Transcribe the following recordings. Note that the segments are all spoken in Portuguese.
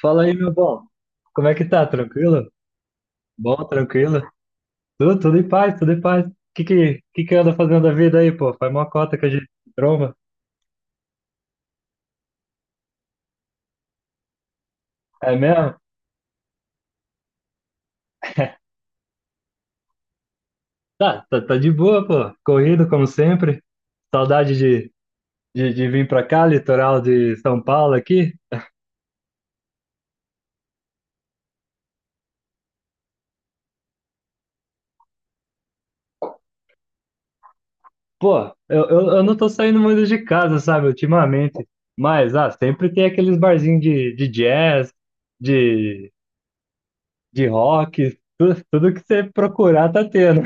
Fala aí, meu bom. Como é que tá? Tranquilo? Bom, tranquilo? Tudo em paz, tudo em paz. Que que anda fazendo da vida aí, pô? Faz mó cota que a gente se tromba. É mesmo? Tá de boa, pô. Corrido, como sempre. Saudade de vir pra cá, litoral de São Paulo aqui. Pô, eu não tô saindo muito de casa, sabe, ultimamente. Mas, sempre tem aqueles barzinhos de jazz, de, de rock, tudo que você procurar tá tendo.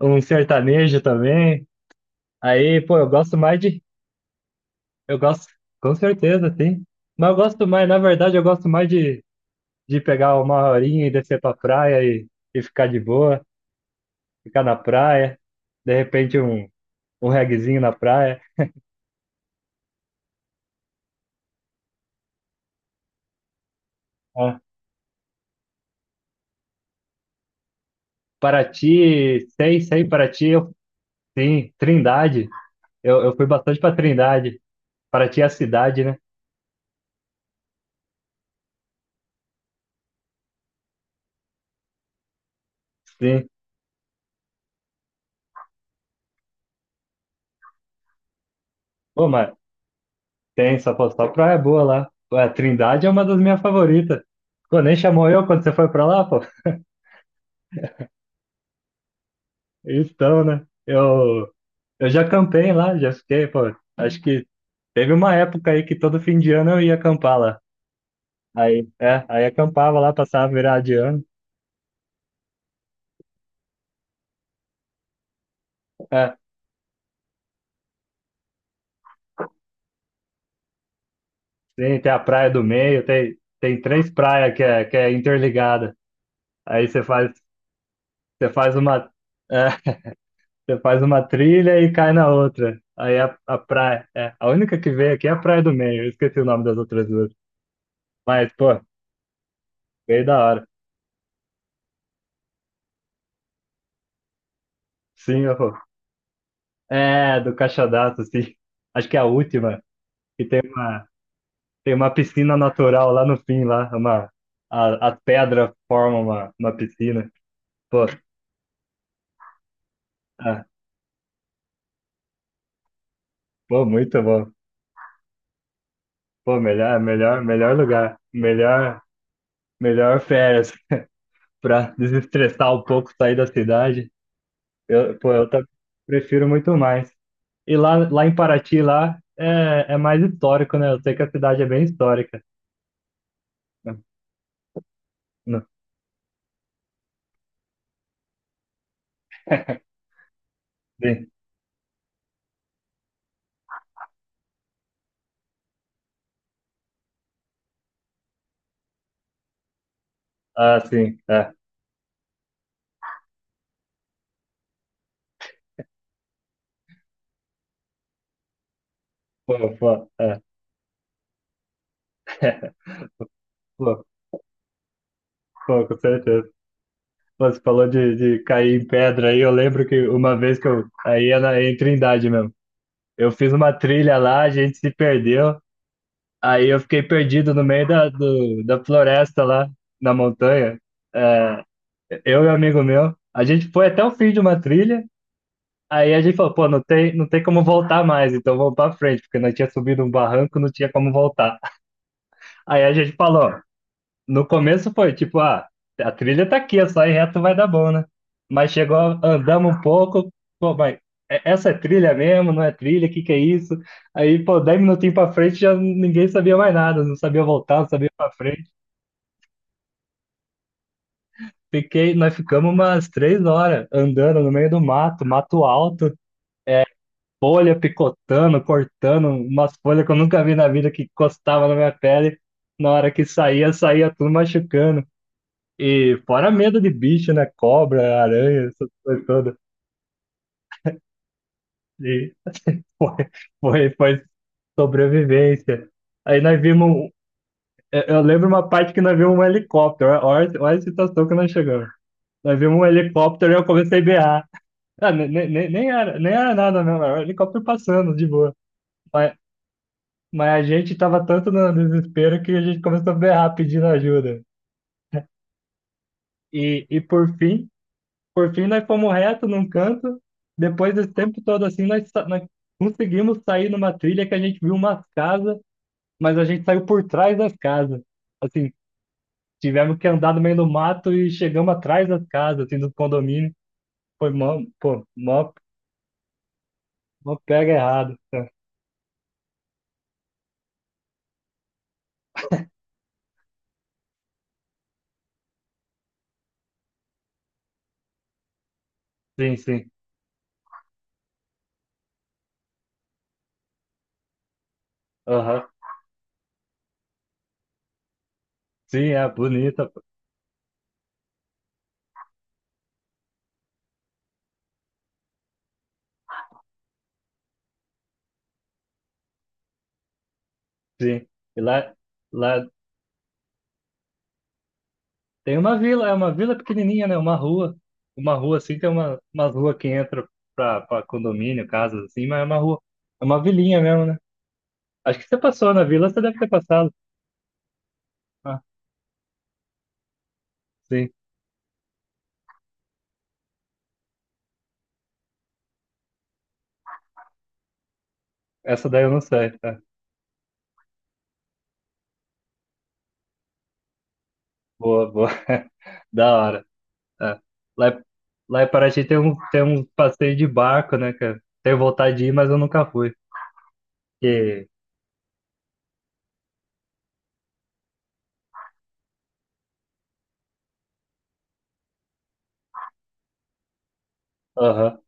Um sertanejo também. Aí, pô, eu gosto mais de. Eu gosto, com certeza, sim. Mas eu gosto mais, na verdade, eu gosto mais de pegar uma horinha e descer pra praia e ficar de boa, ficar na praia. De repente, um reguezinho na praia. É. Paraty, sei, sei, Paraty, sim. Trindade, eu fui bastante pra Trindade. Paraty é a cidade, né? Sim. Pô, mas tem, só, pô, só praia boa lá. Pô, a Trindade é uma das minhas favoritas. Pô, nem chamou eu quando você foi pra lá, pô? Então, né? Eu já campei lá, já fiquei, pô. Acho que teve uma época aí que todo fim de ano eu ia acampar lá. Aí, acampava lá, passava virada de ano. É, tem a praia do meio, tem três praias que é, interligada. Aí você faz uma. Você faz uma trilha e cai na outra. Aí a praia. É, a única que veio aqui é a Praia do Meio. Eu esqueci o nome das outras duas. Mas, pô, veio da hora. Sim, eu... É, do Caixadaço, sim. Acho que é a última. Que tem uma piscina natural lá no fim, lá. As pedras formam uma piscina. Pô, ah, pô, muito bom. Pô, melhor, melhor, melhor lugar. Melhor, melhor férias pra desestressar um pouco, sair da cidade. Eu, pô, prefiro muito mais. E lá em Paraty, lá, é mais histórico, né? Eu sei que a cidade é bem histórica. Não, não, sim. Ah, sim, é. Pô, pô, é. Pô, pô, com certeza. Pô, você falou de cair em pedra aí, eu lembro que uma vez que eu... Aí é em Trindade mesmo. Eu fiz uma trilha lá, a gente se perdeu. Aí eu fiquei perdido no meio da floresta lá, na montanha. É, eu e um amigo meu, a gente foi até o fim de uma trilha, aí a gente falou, pô, não tem como voltar mais, então vamos pra frente, porque nós tinha subido um barranco, não tinha como voltar. Aí a gente falou, no começo foi tipo, a trilha tá aqui, é só ir reto vai dar bom, né? Mas chegou, andamos um pouco, pô, mas essa é trilha mesmo, não é trilha, o que que é isso? Aí, pô, 10 minutinhos pra frente já ninguém sabia mais nada, não sabia voltar, não sabia pra frente. Nós ficamos umas 3 horas andando no meio do mato, mato alto. É, folha picotando, cortando, umas folhas que eu nunca vi na vida que encostava na minha pele. Na hora que saía tudo machucando. E fora medo de bicho, né? Cobra, aranha, essas coisas todas. E foi sobrevivência. Aí nós vimos. Eu lembro uma parte que nós vimos um helicóptero. Olha, olha a situação que nós chegamos. Nós vimos um helicóptero e eu comecei a berrar. Ah, nem era, nem era nada, não. Era um helicóptero passando de boa. Mas a gente estava tanto no desespero que a gente começou a berrar pedindo ajuda. E por fim, nós fomos reto num canto. Depois desse tempo todo assim, nós conseguimos sair numa trilha que a gente viu umas casas, mas a gente saiu por trás das casas. Assim, tivemos que andar no meio do mato e chegamos atrás das casas, assim, do condomínio. Foi mó, pô, mó, mó pega errado. Sim, sim. Aham. Sim, é bonita, pô. Sim. E lá tem uma vila, é uma vila pequenininha, né? Uma rua. Uma rua assim, tem umas ruas que entra pra condomínio, casas assim, mas é uma rua. É uma vilinha mesmo, né? Acho que você passou na vila, você deve ter passado. Ah, sim. Essa daí eu não sei. É. Boa, boa. Da hora. É. Lá, em- lá em Paraty tem um passeio de barco, né, cara? Tenho vontade de ir, mas eu nunca fui. Que... Aham,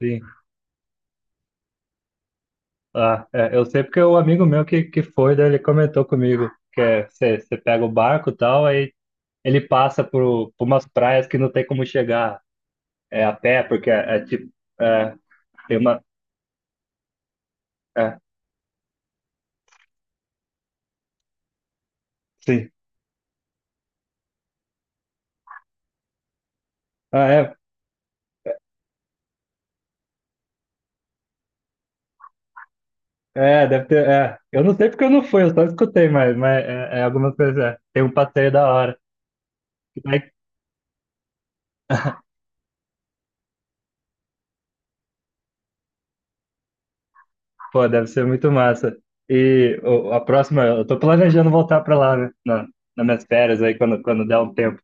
sim. Ah, é, eu sei porque o amigo meu que foi, daí ele comentou comigo que é, você pega o barco e tal, aí ele passa por umas praias que não tem como chegar a pé, porque é tipo. É, tem uma. É, sim. Ah, é, deve ter. É. Eu não sei porque eu não fui, eu só escutei, mas é, algumas coisas. É. Tem um passeio da hora. Ai, pô, deve ser muito massa. E a próxima, eu tô planejando voltar pra lá, né? Nas minhas férias aí, quando der um tempo.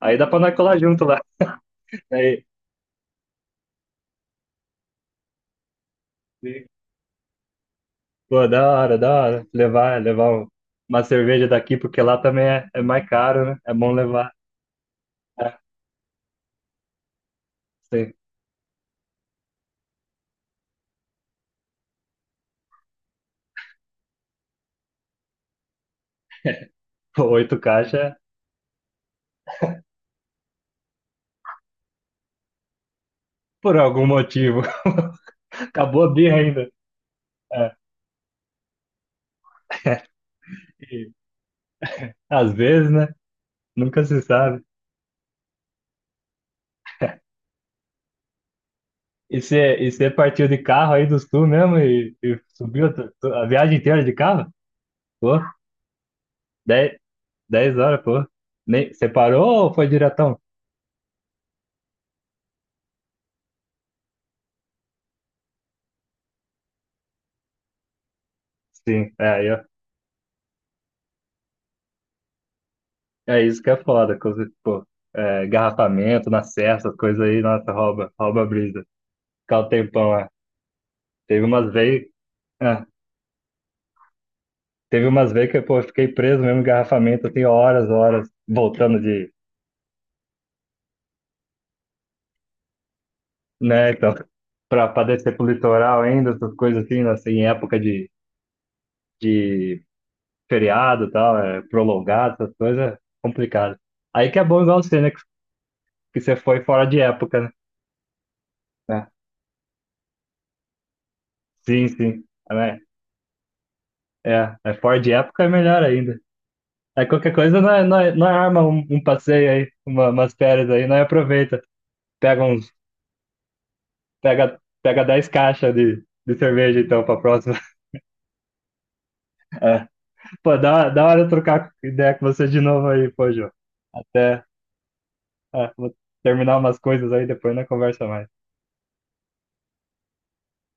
Aí dá pra nós colar junto lá. Aí, e, pô, da hora, da hora. Levar uma cerveja daqui, porque lá também é mais caro, né? É bom levar. É, sim. Oito caixas por algum motivo. Acabou a birra ainda. É. E, às vezes, né? Nunca se sabe. E você partiu de carro aí do sul mesmo e subiu a viagem inteira de carro? Pô, 10 10 horas, pô. Nem, você parou ou foi diretão? Sim, aí, ó. É isso que é foda. Pô, garrafamento na serra, essas coisas aí, nossa, rouba a brisa. Ficar o tempão, é. Teve umas vezes. Teve umas vezes. Que pô, eu fiquei preso mesmo em engarrafamento, assim, horas, horas, voltando de, né, então, pra descer pro litoral ainda, essas coisas assim, né, assim, em época de, de feriado e tal, é, prolongado, essas coisas, é complicado. Aí que é bom igual você, né, que você foi fora de época, né? É. Sim, sim, é, né? É fora de época é melhor ainda. Aí qualquer coisa não é arma um passeio aí, umas férias aí, não é, aproveita, pega uns, pega 10 caixas de cerveja então pra próxima. É. Pô, dá da hora eu trocar ideia com você de novo aí, pô, Jô. Até, vou terminar umas coisas aí, depois na conversa mais.